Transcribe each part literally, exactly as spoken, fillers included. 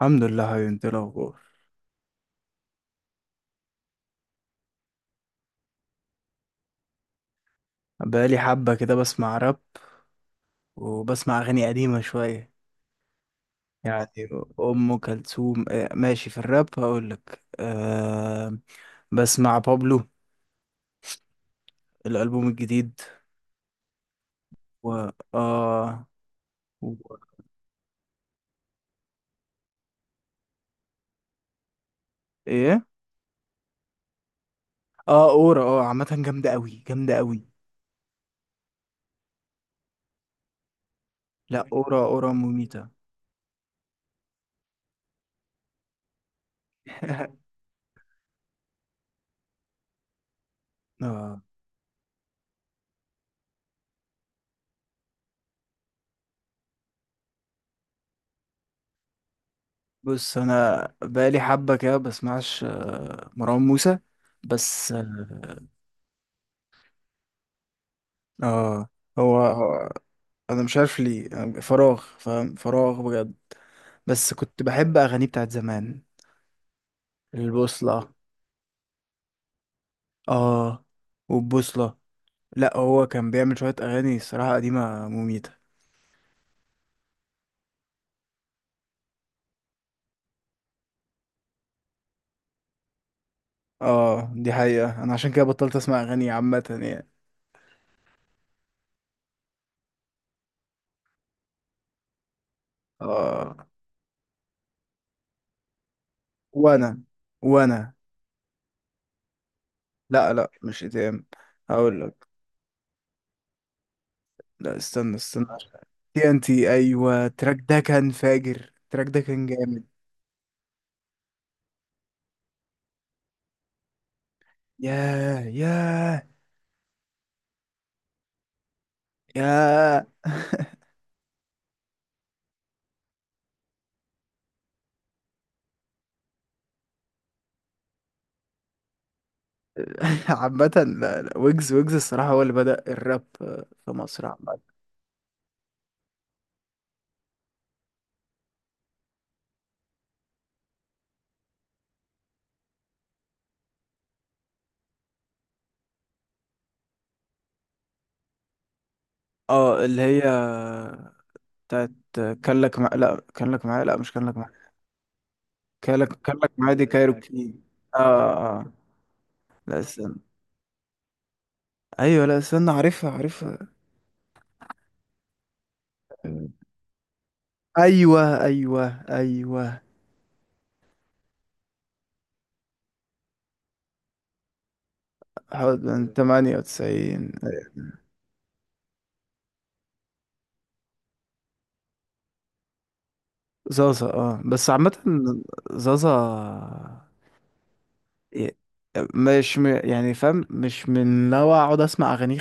الحمد لله حبيبي، انت ايه الاخبار؟ بقالي حبه كده بسمع راب، وبسمع اغاني قديمه شويه. يعني ام كلثوم اه، ماشي في الراب هقول لك. أه بسمع بابلو الالبوم الجديد. و اه و... ايه، اه اورا. اه عامه جامده قوي، جامده قوي. لا اورا، اورا مميته. آه بص، انا بقالي حبه كده بسمعش، آه، مروان موسى بس. اه هو، انا مش عارف ليه، أنا فراغ فاهم، فراغ بجد. بس كنت بحب اغانيه بتاعت زمان، البوصلة. اه، والبوصلة. لا هو كان بيعمل شوية اغاني الصراحة قديمة مميتة. اه دي حقيقة، انا عشان كده بطلت اسمع اغاني عامة يعني. اه. وانا وانا لا لا مش اتهام، هقول لك. لا استنى استنى. تي ان تي، ايوه التراك ده كان فاجر، التراك ده كان جامد. ياه ياه ياه عامة، لا- لا، ويجز، ويجز الصراحة هو اللي بدأ الراب في مصر عامة. اه اللي هي بتاعت، كان لك مع... لا كان لك معايا، لا مش كان لك معايا، كان لك، كان لك معايا دي كايروكي. اه اه، لا استنى، ايوه لا استنى عارفها عارفها. ايوه ايوه ايوه. حوالي من تمانية وتسعين. زازا اه، بس عامة زازا. ي- مش م... يعني فاهم، مش من نوع اقعد اسمع اغانيه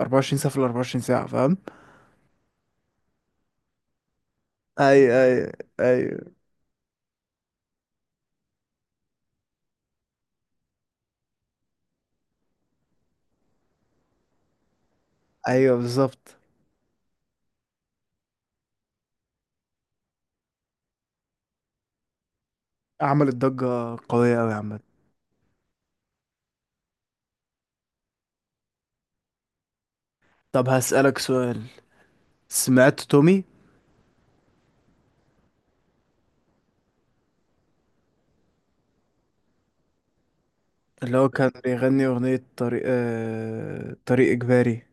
اربعة وعشرين ساعة في ال اربعة وعشرين ساعة فاهم؟ ايوه ايوه ايوه ايوه بالظبط. عملت ضجة قوية أوي عامة. طب هسألك سؤال، سمعت تومي؟ اللي هو كان بيغني أغنية طريق، آه... طريق إجباري.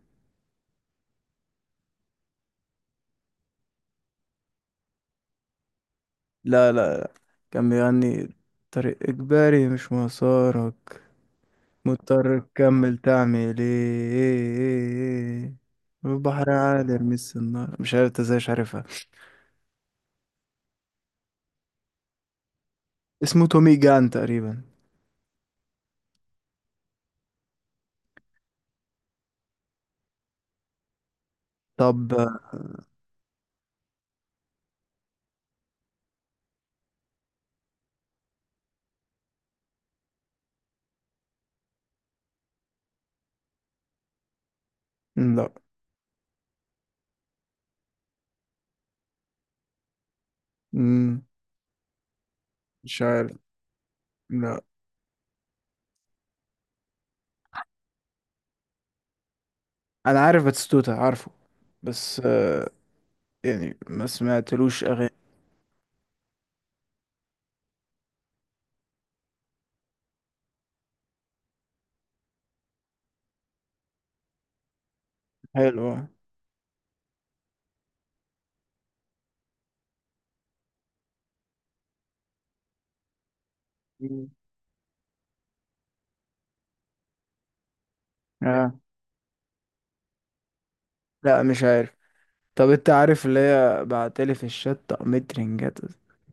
لا لا لا، كان بيغني طريق إجباري مش مسارك، مضطر تكمل تعمل ايه، البحر عالي ارمي السنارة. مش عارف انت ازاي مش عارفها. اسمه تومي جان تقريبا. طب. لا. مم، مش عارف. لا انا عارف باتيستوتا عارفه. بس آه يعني ما سمعتلوش اغاني حلوة. مم. آه. لا مش عارف. طب انت عارف اللي هي بعتلي في الشات طقمت رنجات؟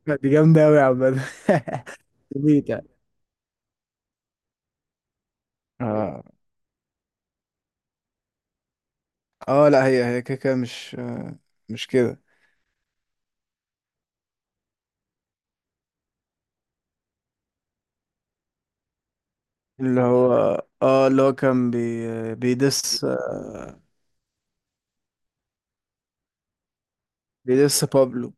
لا، دي جامدة اوي يا عم. جميل يعني. اه اه. لا هي هي كده كده مش آه، مش كده. اللي هو، اه اللي هو كان بي بيدس، آه بيدس بابلو.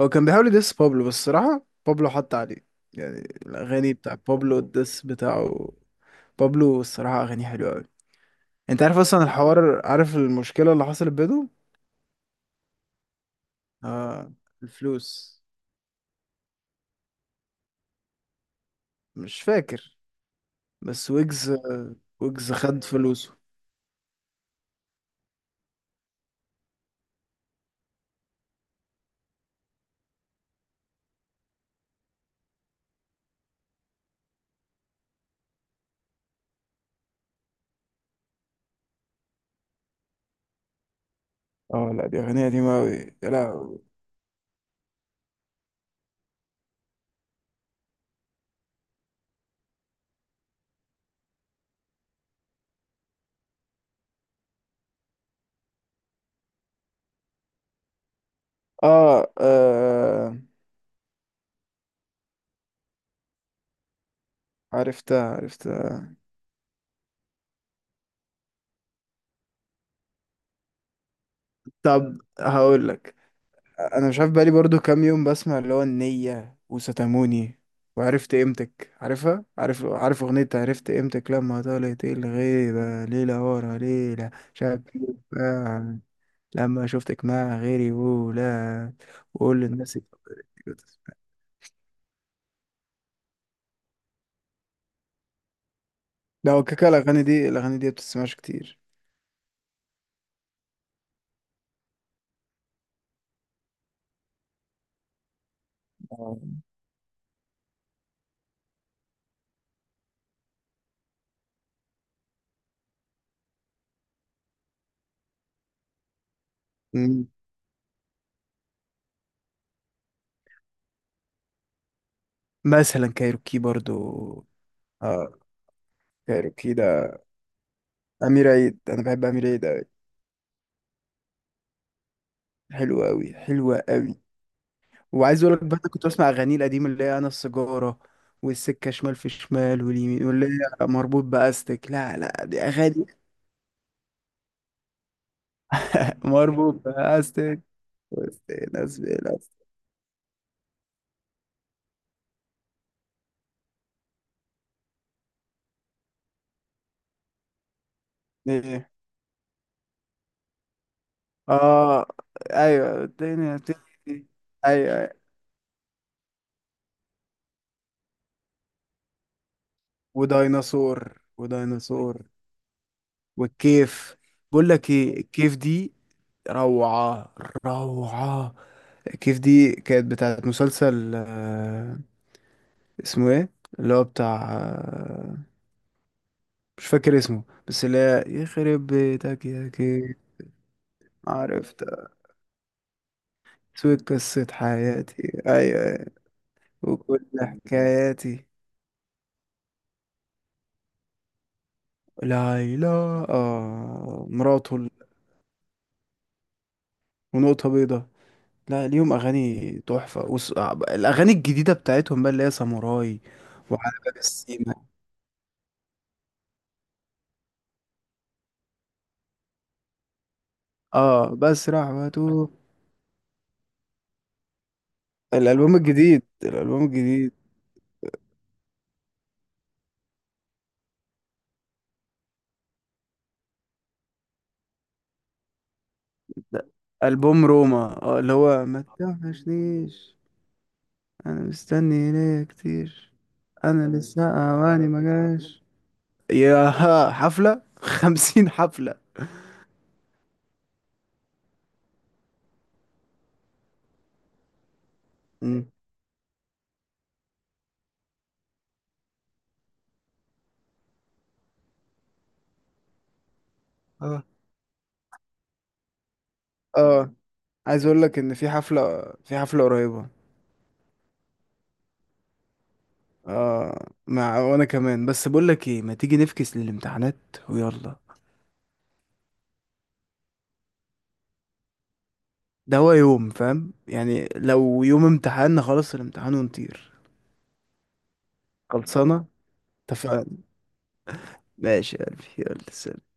هو كان بيحاول يدس بابلو، بس الصراحة بابلو حط عليه. يعني الأغاني بتاع بابلو الدس بتاعه، بابلو الصراحة أغاني حلوة أوي. أنت عارف أصلا الحوار؟ عارف المشكلة اللي حصلت بينهم؟ آه الفلوس. مش فاكر. بس ويجز، آه، ويجز خد فلوسه. اه لا دي أغنية قديمة أوي. يا لهوي. آه، آه. عرفتها عرفتها. طب هقول لك، أنا مش عارف بقالي برضو كام يوم بسمع اللي هو النية، وستاموني، وعرفت قيمتك، عارفها، عارف عارف أغنية عرفت قيمتك، لما طالت الغيبة ليلة ورا ليلة شاب، لما شفتك مع غيري، ولا وقول للناس. لا هو كاكا الأغاني دي، الأغاني دي بتسمعش كتير. آه. مم. مثلا كايروكي برضو. اه كايروكي ده أمير عيد، أنا بحب أمير عيد أوي. حلوة أوي، حلوة أوي. وعايز أقول لك بقى، أنا كنت بسمع أغانيه القديمة اللي هي أنا السيجارة، والسكة شمال في شمال واليمين، واللي هي مربوط بأستك. لا لا دي أغاني. مربوط بأستك، وسط ناس بلا- إيه. اه. ايوه الدنيا بتمشي، ايوه أيوة. وديناصور، وديناصور، والكيف. بقول لك ايه الكيف دي، روعة، روعة. الكيف دي كانت بتاعت مسلسل، آه، اسمه ايه اللي هو بتاع، آه، مش فاكر اسمه، بس اللي هي يخرب بيتك يا كيف. عرفت، سويت قصة حياتي، ايوه أيوة. وكل حكاياتي. ليلى. اه مراته ال- ونقطة بيضاء. لا ليهم اغاني تحفه، وص... الاغاني الجديده بتاعتهم بقى، اللي هي ساموراي، وعلى باب السيما. اه بسرح واتوه. الالبوم الجديد الالبوم الجديد، ده البوم روما. اه اللي هو ما توحشنيش. انا مستني ليا كتير. انا لسه اواني ما جاش. يا ها، حفله خمسين حفله؟ مم. اه اه. عايز اقول لك ان في حفله في حفله قريبه. اه مع، وانا كمان. بس بقول لك ايه، ما تيجي نفكس للامتحانات، ويلا. ده هو يوم فاهم، يعني لو يوم امتحان خلاص الامتحان ونطير. خلصانه. اتفقنا. ماشي يا قلبي، يلا سلام.